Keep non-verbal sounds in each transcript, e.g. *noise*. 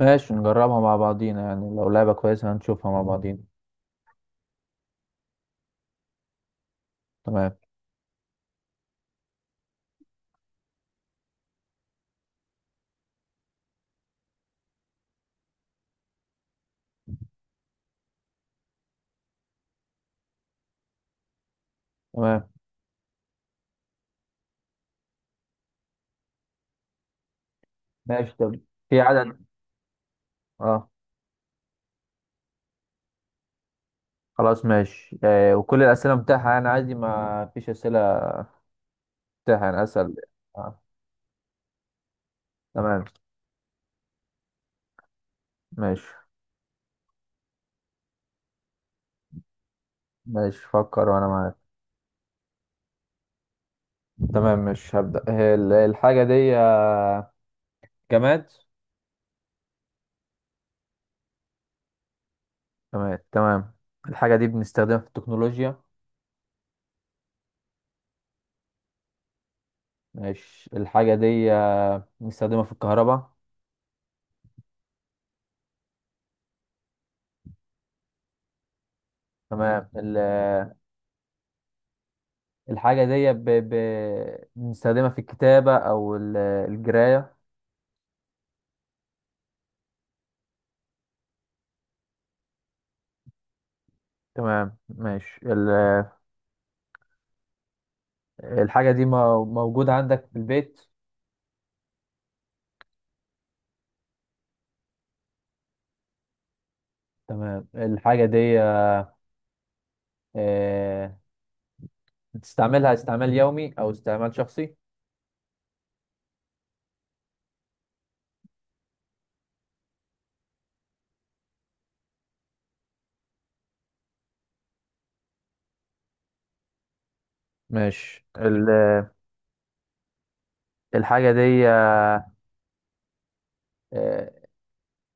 ماشي، نجربها مع بعضينا، يعني لو لعبة كويسة هنشوفها مع بعضينا. تمام. تمام ماشي طب. في عدد؟ اه. خلاص ماشي، وكل الأسئلة متاحة، يعني عادي، ما فيش أسئلة متاحة، يعني أسأل. آه. تمام ماشي. ماشي، فكر وأنا معاك. تمام، مش هبدأ. هي الحاجة دي جماد؟ جماد تمام. الحاجة دي بنستخدمها في التكنولوجيا؟ ماشي. الحاجة دي بنستخدمها في الكهرباء؟ تمام. الحاجة دي بنستخدمها في الكتابة، أو الجراية؟ تمام ماشي الحاجة دي موجودة عندك في البيت؟ تمام. الحاجة دي آه، بتستعملها استعمال يومي أو استعمال شخصي؟ ماشي الحاجة دي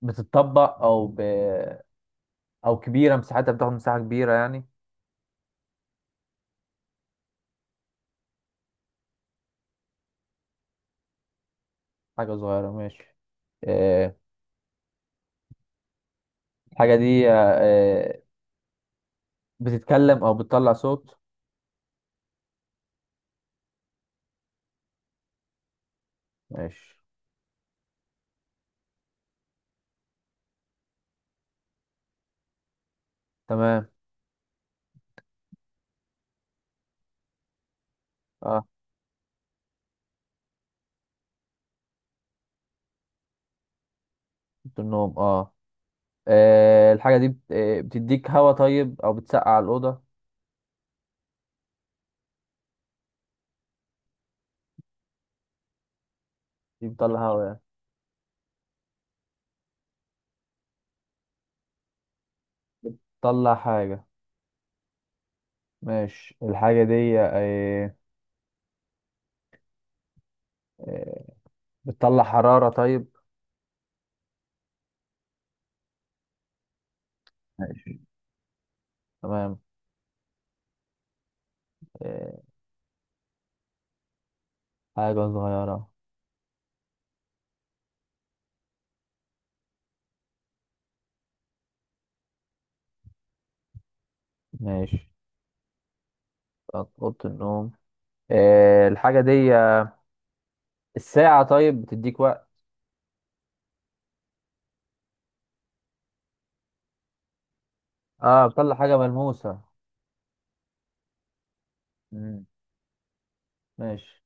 بتتطبق أو أو كبيرة، مساحتها بتاخد مساحة كبيرة يعني؟ حاجة صغيرة ماشي. آه، الحاجة دي آه، بتتكلم أو بتطلع صوت؟ ماشي تمام. آه. في النوم، اه. الحاجة دي بتديك هوا طيب، او بتسقع الأوضة؟ دي بتطلع هوا يعني. بتطلع حاجة ماشي. الحاجة دي آه، بتطلع حرارة طيب؟ ماشي تمام. آه، حاجة صغيرة ماشي. بتاعت أوضة النوم. الحاجة دي الساعة طيب، بتديك وقت؟ اه، بتطلع حاجة ملموسة؟ مم. ماشي،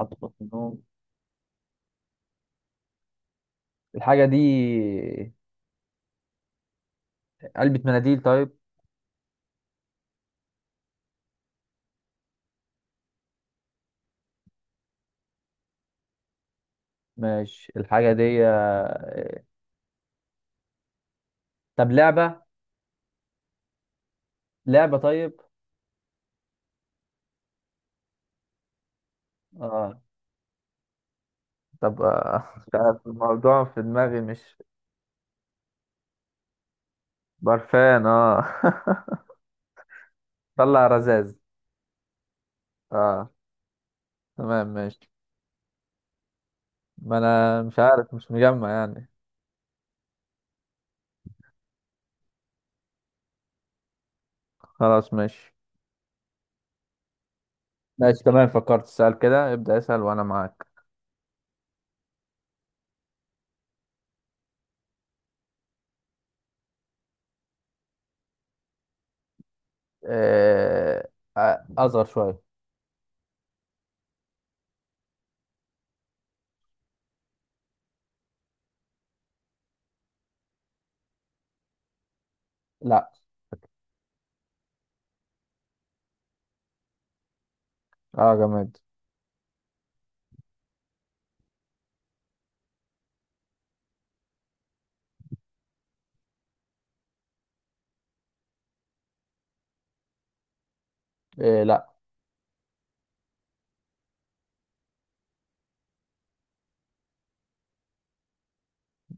حط في أوضة النوم. الحاجة دي علبة مناديل طيب؟ ماشي. الحاجة دي طب لعبة؟ لعبة طيب. اه. طب *laughs* مش عارف، الموضوع في دماغي مش... برفان، اه. *laughs* طلع رزاز. اه. تمام ماشي. ما انا مش عارف، مش مجمع يعني. خلاص ماشي. ماشي تمام، فكرت. اسال كده، ابدأ اسأل وانا معاك. آه. اصغر شوية. لا. اه، جماد. إيه لا.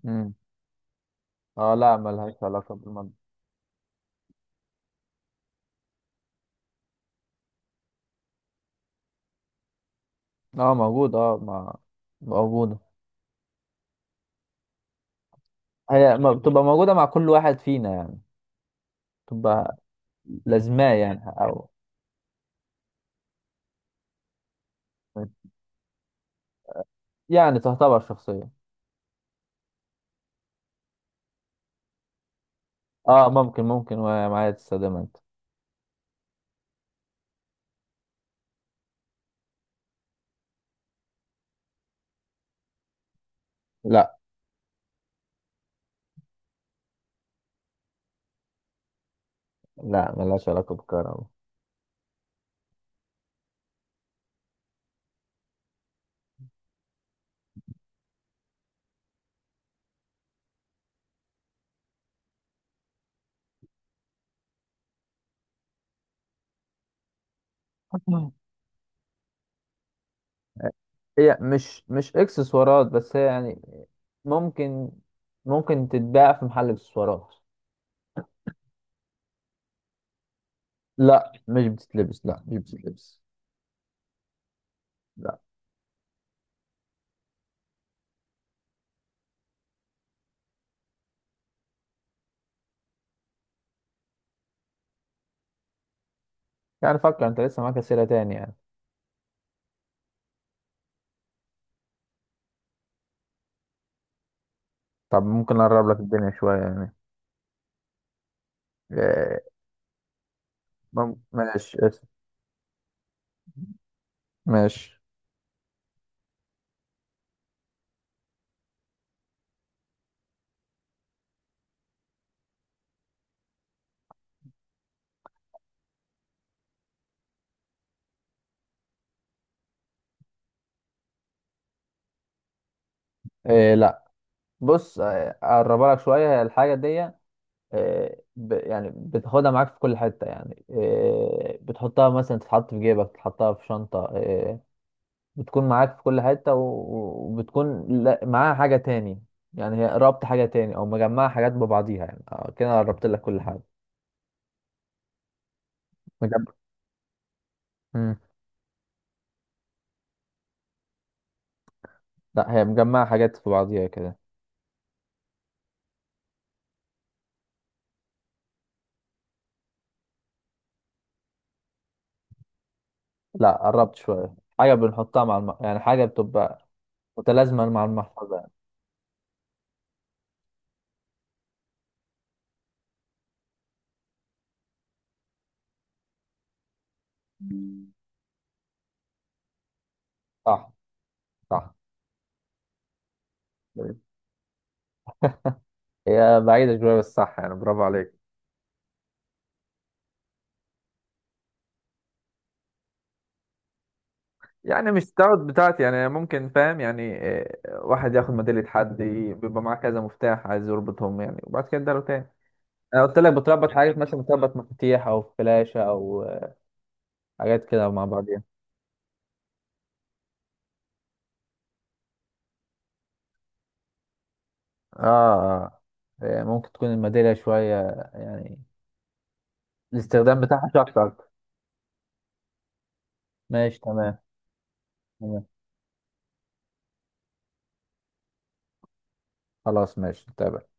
مم. اه لا، ملهاش علاقة بالمادة. اه موجودة، اه ما موجودة. هي ما بتبقى موجودة مع كل واحد فينا يعني، تبقى لازماه يعني، او يعني تعتبر شخصية. اه ممكن، ومعايا تستخدمها انت. لا. لا، ملهاش علاقة بالكهرباء. *clears throat* *laughs* هي مش اكسسوارات، بس هي يعني ممكن. ممكن تتباع في محل اكسسوارات. لا مش بتتلبس، لا مش بتتلبس. لا. يعني فكر انت، لسه معاك اسئله تاني يعني. طب ممكن اقرب لك الدنيا شويه يعني. إيه، ماشي اسف. ماشي. إيه لا. بص، اقربها لك شويه الحاجه دي. يعني بتاخدها معاك في كل حتة يعني، بتحطها مثلا، تتحط في جيبك، تحطها في شنطة. بتكون معاك في كل حتة وبتكون معاها حاجة تاني. يعني هي ربط حاجة تاني، أو مجمعة حاجات ببعضيها يعني. كده قربت لك كل حاجة. مجمع. مم. لا، هي مجمعة حاجات في بعضيها كده. لا، قربت شوية. حاجة بنحطها مع يعني حاجة بتبقى متلازمة مع المحفظة يعني. صح. صح. هي بعيدة شوية بس صح يعني، برافو عليك. يعني مش تاخد بتاعتي يعني ممكن، فاهم يعني؟ واحد ياخد ميدالية حد، بيبقى معاه كذا مفتاح عايز يربطهم يعني، وبعد كده اداله تاني. انا قلت لك بتربط حاجات، مثلا بتربط مفاتيح او فلاشة او حاجات كده مع بعضيها. اه، اه. ممكن تكون الميدالية شوية يعني الاستخدام بتاعها شخص اكتر. ماشي تمام. تمام. خلاص ماشي تمام.